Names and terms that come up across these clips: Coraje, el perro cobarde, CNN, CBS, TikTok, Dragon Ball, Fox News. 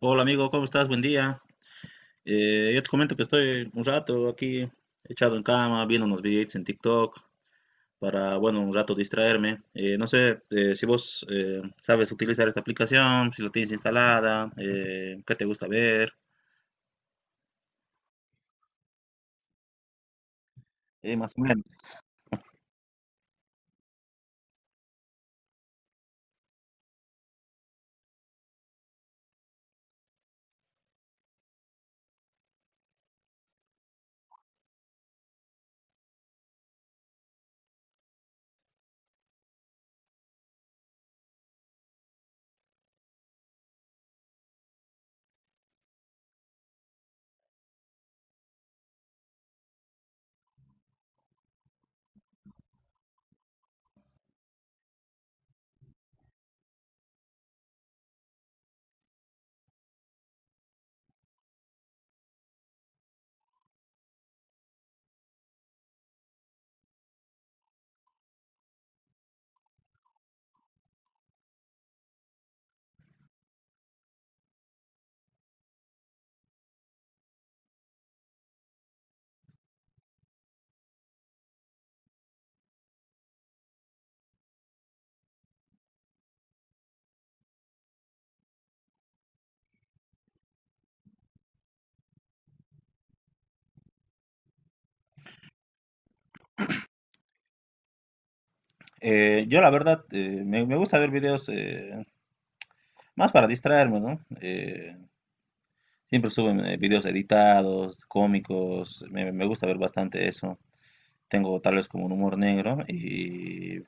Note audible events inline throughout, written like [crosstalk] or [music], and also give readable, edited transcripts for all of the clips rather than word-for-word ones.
Hola amigo, ¿cómo estás? Buen día. Yo te comento que estoy un rato aquí echado en cama, viendo unos videitos en TikTok para, bueno, un rato distraerme. No sé si vos sabes utilizar esta aplicación, si la tienes instalada, qué te gusta ver. Más o menos. Yo la verdad me gusta ver videos más para distraerme, ¿no? Siempre suben videos editados, cómicos, me gusta ver bastante eso. Tengo tal vez como un humor negro y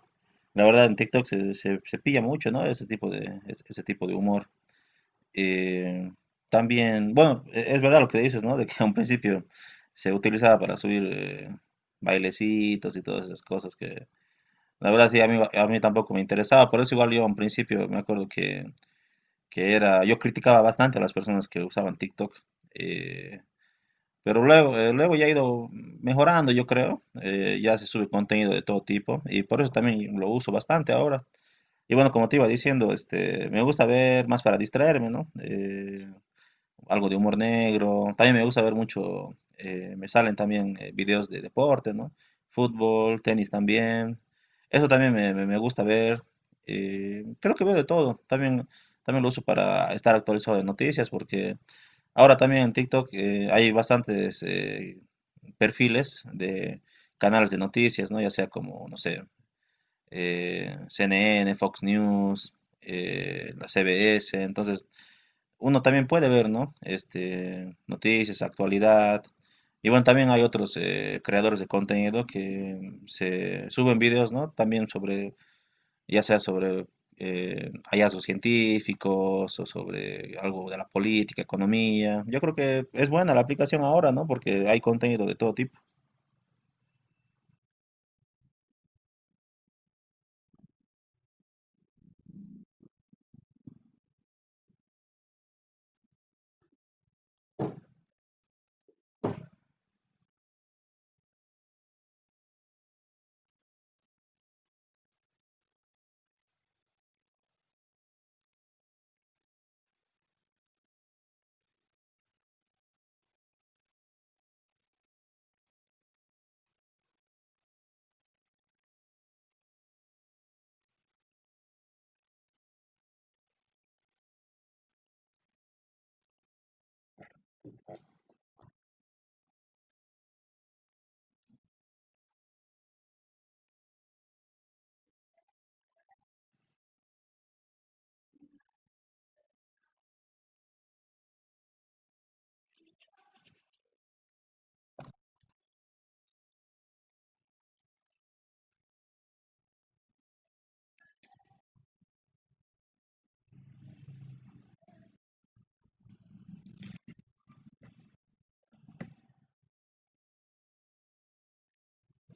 la verdad, en TikTok se pilla mucho, ¿no? Ese tipo de, ese tipo de humor. Eh, También, bueno, es verdad lo que dices, ¿no? De que [laughs] a un principio se utilizaba para subir bailecitos y todas esas cosas que, la verdad, sí, a mí tampoco me interesaba. Por eso igual yo a un principio me acuerdo que era, yo criticaba bastante a las personas que usaban TikTok. eh, pero luego, luego ya ha ido mejorando, yo creo. Ya se sube contenido de todo tipo y por eso también lo uso bastante ahora. Y bueno, como te iba diciendo, este, me gusta ver más para distraerme, ¿no? Algo de humor negro. También me gusta ver mucho, me salen también videos de deporte, ¿no? Fútbol, tenis también. Eso también me gusta ver. Creo que veo de todo. También, también lo uso para estar actualizado de noticias, porque ahora también en TikTok hay bastantes perfiles de canales de noticias, ¿no? Ya sea como, no sé, CNN, Fox News, la CBS, entonces uno también puede ver, ¿no? Este, noticias, actualidad. Y bueno, también hay otros creadores de contenido que se suben videos, ¿no? También sobre, ya sea sobre hallazgos científicos o sobre algo de la política, economía. Yo creo que es buena la aplicación ahora, ¿no? Porque hay contenido de todo tipo.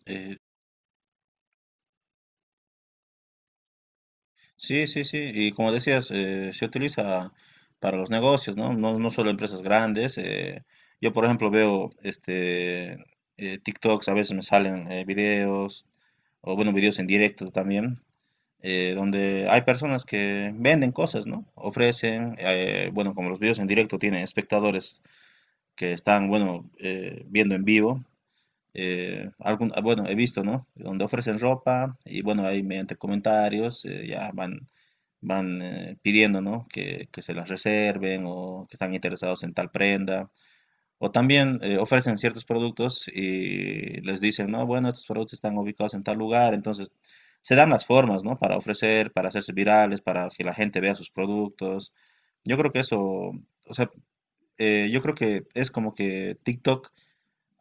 Eh, Sí, sí, sí. Y como decías, se utiliza para los negocios, ¿no? No, no solo empresas grandes. Yo, por ejemplo, veo este TikToks, a veces me salen videos, o bueno, videos en directo también, donde hay personas que venden cosas, ¿no? Ofrecen, bueno, como los videos en directo tienen espectadores que están, bueno, viendo en vivo. Algún, ah, bueno, he visto, ¿no? Donde ofrecen ropa y bueno, ahí mediante comentarios ya van pidiendo, ¿no? Que se las reserven o que están interesados en tal prenda. O también ofrecen ciertos productos y les dicen, no, bueno, estos productos están ubicados en tal lugar. Entonces, se dan las formas, ¿no? Para ofrecer, para hacerse virales, para que la gente vea sus productos. Yo creo que eso, o sea, yo creo que es como que TikTok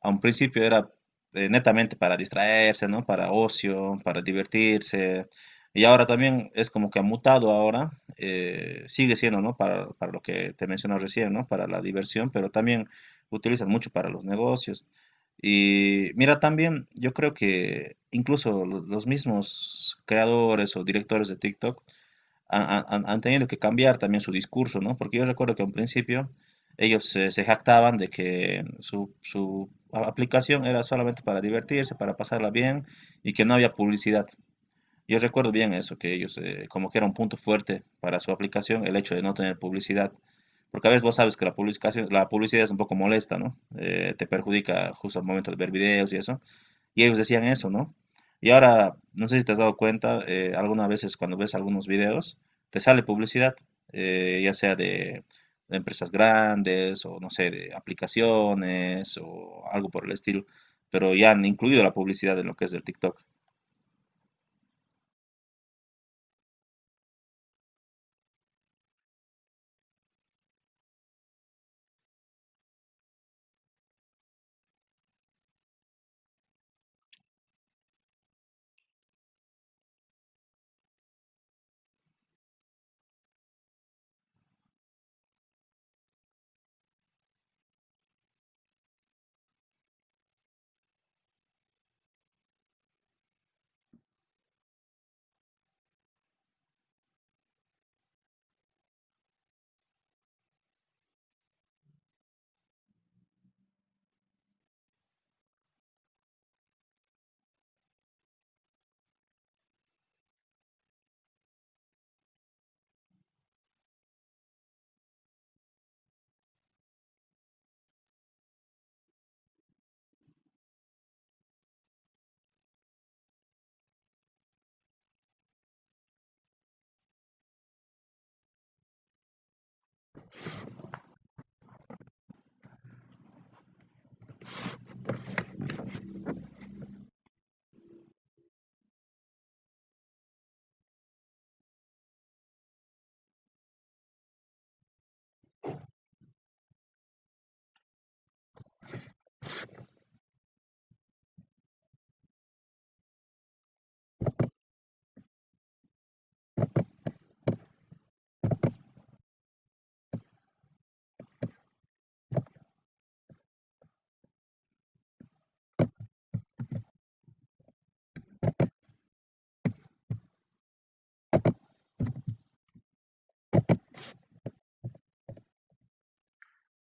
a un principio era netamente para distraerse, ¿no? Para ocio, para divertirse. Y ahora también es como que ha mutado ahora, sigue siendo, ¿no? Para lo que te mencioné recién, ¿no? Para la diversión, pero también utilizan mucho para los negocios. Y mira, también yo creo que incluso los mismos creadores o directores de TikTok han, han tenido que cambiar también su discurso, ¿no? Porque yo recuerdo que a un principio ellos se jactaban de que su, aplicación era solamente para divertirse, para pasarla bien y que no había publicidad. Yo recuerdo bien eso, que ellos, como que era un punto fuerte para su aplicación, el hecho de no tener publicidad. Porque a veces vos sabes que la publicación, la publicidad es un poco molesta, ¿no? Te perjudica justo al momento de ver videos y eso. Y ellos decían eso, ¿no? Y ahora, no sé si te has dado cuenta, algunas veces cuando ves algunos videos, te sale publicidad, ya sea de empresas grandes o, no sé, de aplicaciones o algo por el estilo, pero ya han incluido la publicidad en lo que es el TikTok.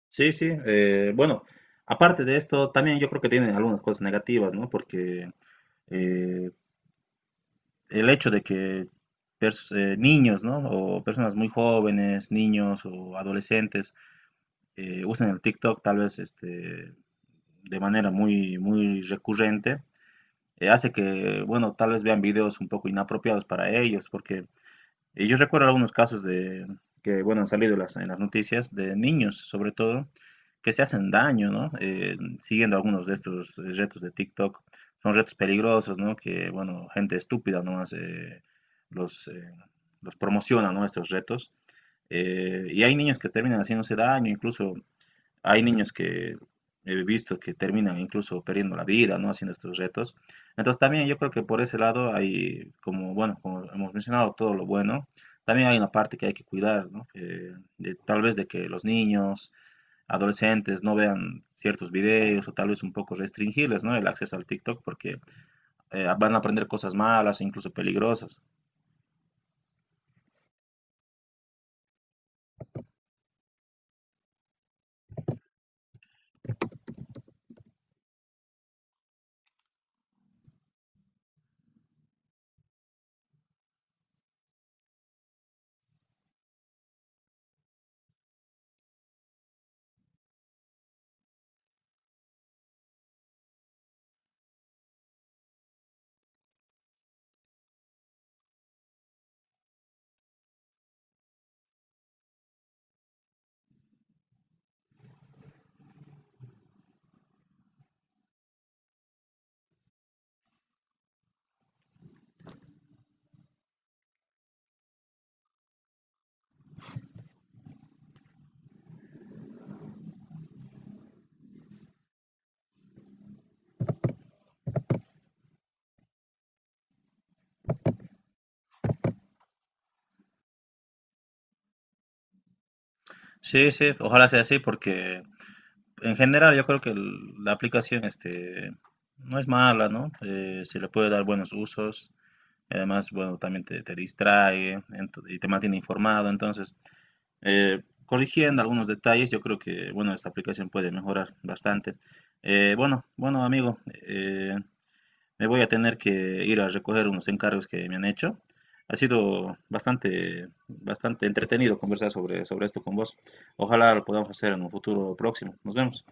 Sí, sí. Bueno, aparte de esto, también yo creo que tiene algunas cosas negativas, ¿no? Porque eh, el hecho de que niños, ¿no? O personas muy jóvenes, niños o adolescentes usan el TikTok tal vez este, de manera muy, muy recurrente, hace que, bueno, tal vez vean videos un poco inapropiados para ellos, porque yo recuerdo algunos casos de que, bueno, han salido en las noticias de niños, sobre todo, que se hacen daño, ¿no? Siguiendo algunos de estos retos de TikTok. Son retos peligrosos, ¿no? Que, bueno, gente estúpida nomás los, eh, los promociona, ¿no? Estos retos. Y hay niños que terminan haciéndose daño, incluso hay niños que he visto que terminan incluso perdiendo la vida, ¿no? Haciendo estos retos. Entonces también yo creo que por ese lado hay, como, bueno, como hemos mencionado, todo lo bueno. También hay una parte que hay que cuidar, ¿no? Tal vez de que los niños, adolescentes no vean ciertos videos o tal vez un poco restringirles, ¿no? El acceso al TikTok porque van a aprender cosas malas, incluso peligrosas. Sí, sí, ojalá sea así porque en general yo creo que la aplicación este, no es mala, ¿no? Se le puede dar buenos usos. Y además, bueno, también te distrae y te mantiene informado. Entonces, corrigiendo algunos detalles, yo creo que, bueno, esta aplicación puede mejorar bastante. Bueno, bueno, amigo, me voy a tener que ir a recoger unos encargos que me han hecho. Ha sido bastante, bastante entretenido conversar sobre, sobre esto con vos. Ojalá lo podamos hacer en un futuro próximo. Nos vemos.